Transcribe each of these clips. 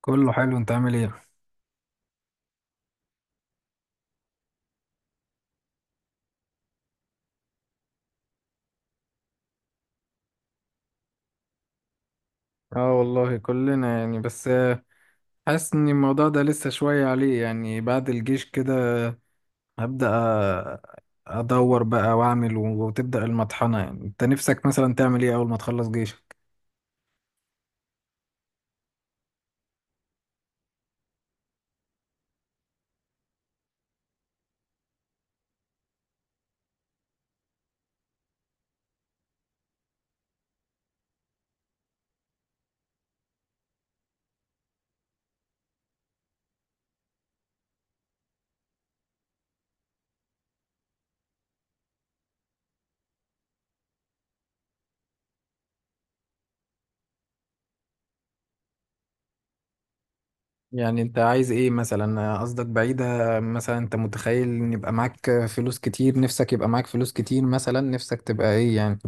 كله حلو، انت عامل ايه؟ اه والله كلنا يعني بس حاسس ان الموضوع ده لسه شوية عليه يعني. بعد الجيش كده هبدأ، أ- ادور بقى واعمل وتبدأ المطحنة. يعني انت نفسك مثلا تعمل ايه اول ما تخلص جيشك؟ يعني انت عايز ايه مثلا؟ قصدك بعيدة؟ مثلا انت متخيل ان يبقى معاك فلوس كتير؟ نفسك يبقى معاك فلوس كتير مثلا؟ نفسك تبقى ايه يعني؟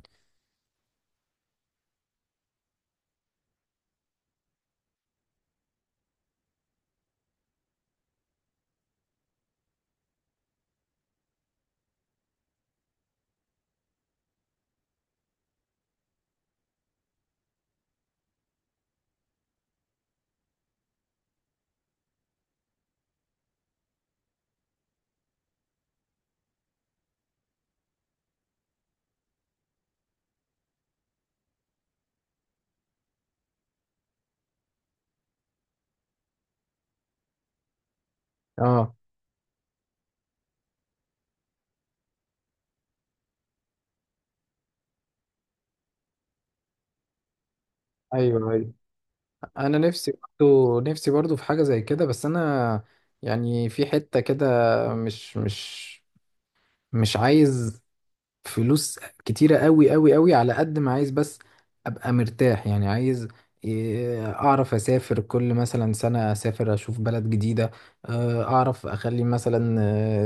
اه، ايوه ايوه، انا نفسي برضو، نفسي برضو في حاجه زي كده. بس انا يعني في حته كده مش مش عايز فلوس كتيرة قوي قوي قوي، على قد ما عايز بس ابقى مرتاح. يعني عايز إيه، اعرف اسافر كل مثلا سنة، اسافر اشوف بلد جديدة. اعرف اخلي مثلا،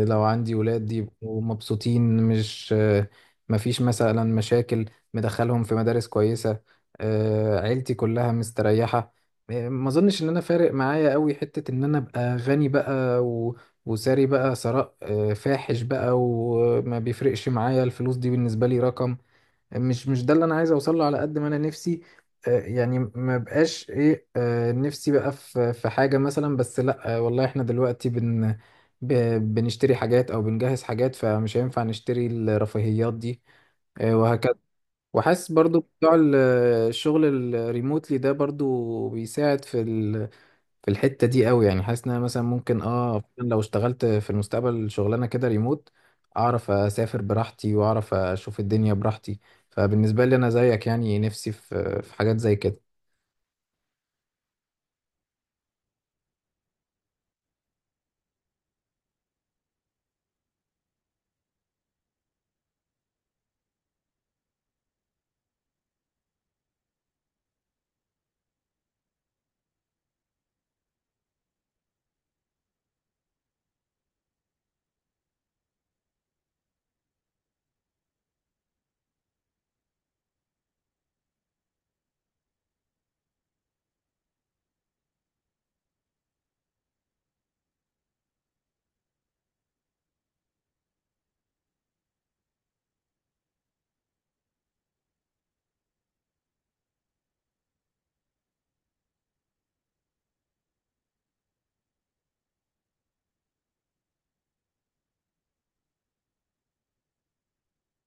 لو عندي ولاد يبقوا مبسوطين، مش مفيش مثلا مشاكل، مدخلهم في مدارس كويسة. عيلتي كلها مستريحة. ما اظنش ان انا فارق معايا قوي حتة ان انا ابقى غني بقى، وساري بقى ثراء فاحش بقى. وما بيفرقش معايا الفلوس دي. بالنسبة لي رقم مش ده اللي انا عايز اوصله على قد ما انا نفسي. يعني ما بقاش ايه نفسي بقى في في حاجة مثلا، بس لا. والله احنا دلوقتي ب- بنشتري حاجات او بنجهز حاجات، فمش هينفع نشتري الرفاهيات دي وهكذا. وحاسس برضو بتوع الشغل الريموتلي ده برضو بيساعد في في الحتة دي قوي. يعني حاسس ان انا مثلا ممكن اه فعلاً لو اشتغلت في المستقبل شغلانة كده ريموت، اعرف اسافر براحتي واعرف اشوف الدنيا براحتي. فبالنسبة لي انا زيك يعني، نفسي في في حاجات زي كده.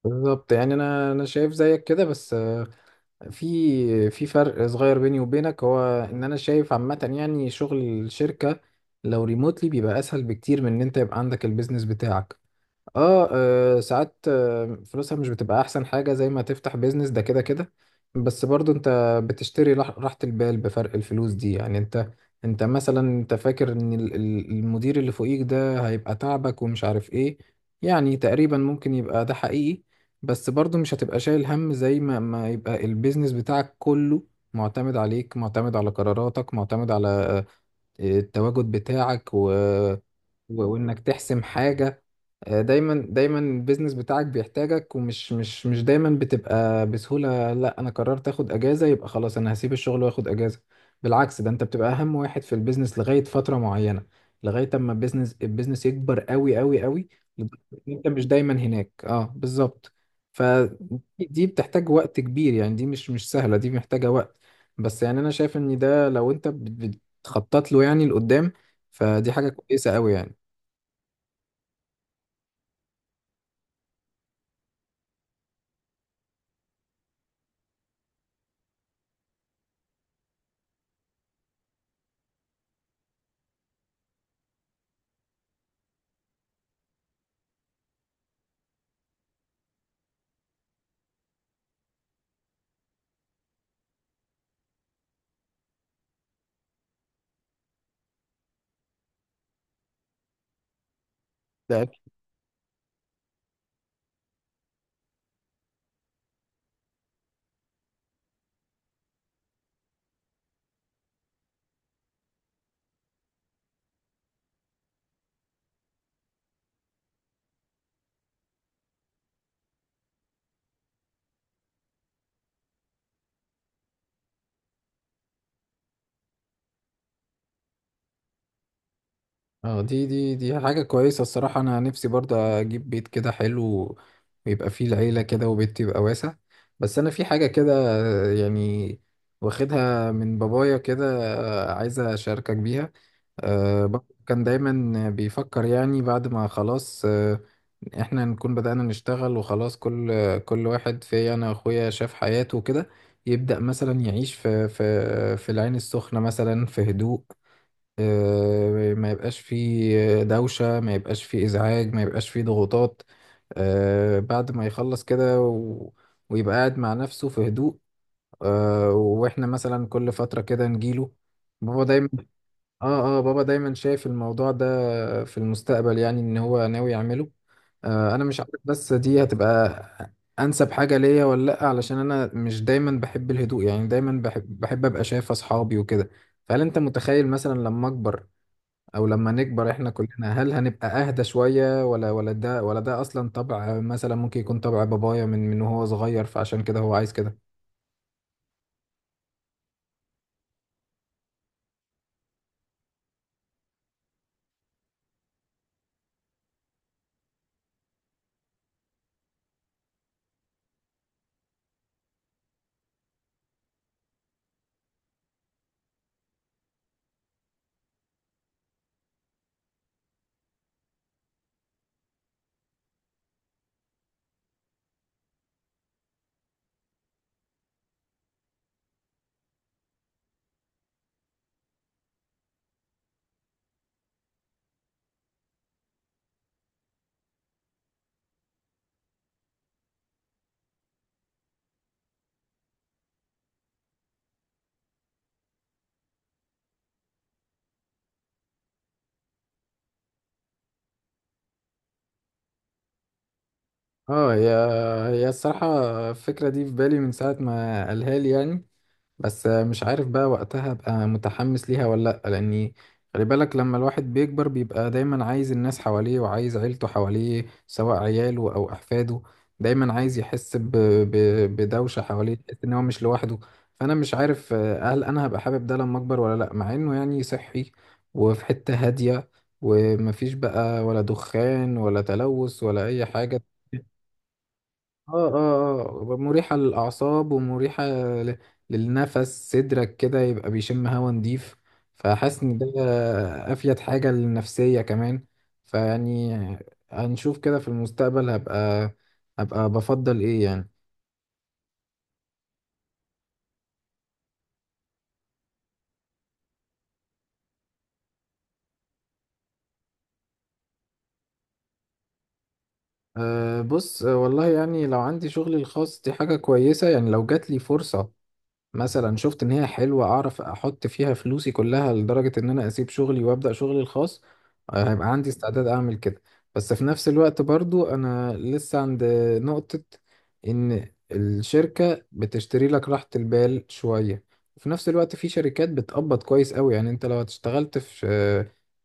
بالظبط، يعني انا انا شايف زيك كده، بس في في فرق صغير بيني وبينك. هو ان انا شايف عامة يعني شغل الشركة لو ريموتلي بيبقى اسهل بكتير من ان انت يبقى عندك البيزنس بتاعك. اه، ساعات فلوسها مش بتبقى احسن حاجة زي ما تفتح بيزنس ده، كده كده. بس برضو انت بتشتري راحة البال بفرق الفلوس دي. يعني انت، انت مثلا انت فاكر ان المدير اللي فوقيك ده هيبقى تعبك ومش عارف ايه، يعني تقريبا ممكن يبقى ده حقيقي. بس برضو مش هتبقى شايل هم زي ما ما يبقى البيزنس بتاعك كله معتمد عليك، معتمد على قراراتك، معتمد على التواجد بتاعك و... وانك تحسم حاجة. دايما دايما البيزنس بتاعك بيحتاجك، ومش مش دايما بتبقى بسهولة، لا انا قررت اخد اجازة يبقى خلاص انا هسيب الشغل واخد اجازة. بالعكس، ده انت بتبقى اهم واحد في البيزنس لغاية فترة معينة، لغاية اما البيزنس يكبر قوي قوي قوي لدرجة إن انت مش دايما هناك. اه بالظبط. فدي بتحتاج وقت كبير يعني، دي مش سهلة، دي محتاجة وقت. بس يعني انا شايف ان ده لو انت بتخطط له يعني لقدام، فدي حاجة كويسة قوي يعني. اه، دي حاجة كويسة الصراحة. أنا نفسي برضه أجيب بيت كده حلو، ويبقى فيه العيلة كده، وبيت يبقى واسع. بس أنا في حاجة كده، يعني واخدها من بابايا كده، عايزة أشاركك بيها. بابا كان دايما بيفكر يعني بعد ما خلاص إحنا نكون بدأنا نشتغل وخلاص، كل كل واحد في أنا وأخويا شاف حياته وكده، يبدأ مثلا يعيش في في في العين السخنة مثلا في هدوء. ما يبقاش فيه دوشة، ما يبقاش فيه إزعاج، ما يبقاش فيه ضغوطات. بعد ما يخلص كده و... ويبقى قاعد مع نفسه في هدوء، وإحنا مثلا كل فترة كده نجيله. بابا دايما، آه آه، بابا دايما شايف الموضوع ده في المستقبل يعني إن هو ناوي يعمله. أنا مش عارف بس دي هتبقى أنسب حاجة ليا ولا لأ، علشان أنا مش دايما بحب الهدوء. يعني دايما بحب, بحب أبقى شايف أصحابي وكده. فهل أنت متخيل مثلا لما أكبر، او لما نكبر احنا كلنا، هل هنبقى اهدى شوية؟ ولا ده اصلا طبع مثلا، ممكن يكون طبع بابايا من وهو صغير فعشان كده هو عايز كده. اه هي، هي الصراحة الفكرة دي في بالي من ساعة ما قالها لي يعني. بس مش عارف بقى وقتها ابقى متحمس ليها ولا لأ، لأني خلي بالك لما الواحد بيكبر بيبقى دايما عايز الناس حواليه، وعايز عيلته حواليه، سواء عياله أو أحفاده. دايما عايز يحس ب... ب... بدوشة حواليه، يحس إن هو مش لوحده. فأنا مش عارف هل أنا هبقى حابب ده لما أكبر ولا لأ، مع إنه يعني صحي، وفي حتة هادية، ومفيش بقى ولا دخان ولا تلوث ولا أي حاجة. اه اه، اه مريحة للأعصاب، ومريحة ل- للنفس، صدرك كده يبقى بيشم هوا نضيف. فحاسس إن ده أفيد حاجة للنفسية كمان. فيعني هنشوف كده في المستقبل هبقى، هبقى بفضل إيه يعني. أه بص، والله يعني لو عندي شغلي الخاص دي حاجة كويسة. يعني لو جات لي فرصة مثلا شفت ان هي حلوه، اعرف احط فيها فلوسي كلها لدرجه ان انا اسيب شغلي وابدا شغلي الخاص، هيبقى عندي استعداد اعمل كده. بس في نفس الوقت برضو انا لسه عند نقطه ان الشركه بتشتري لك راحه البال شويه. وفي نفس الوقت في شركات بتقبض كويس قوي. يعني انت لو اشتغلت في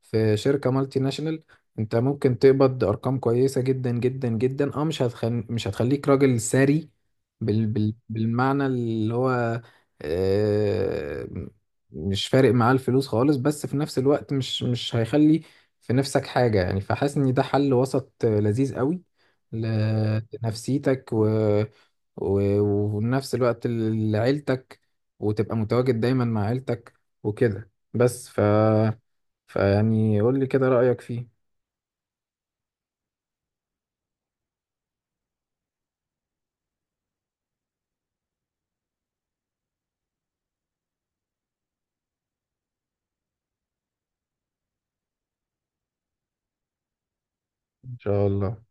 في شركه مالتي ناشونال، انت ممكن تقبض ارقام كويسه جدا جدا جدا. اه، مش هتخليك راجل ثري بالمعنى اللي هو آه، مش فارق معاه الفلوس خالص. بس في نفس الوقت مش هيخلي في نفسك حاجة يعني. فحاسس ان ده حل وسط لذيذ قوي ل- لنفسيتك و... و... وفي نفس الوقت لعيلتك، وتبقى متواجد دايما مع عيلتك وكده. بس ف... فيعني قول لي كده رأيك فيه. ان شاء الله.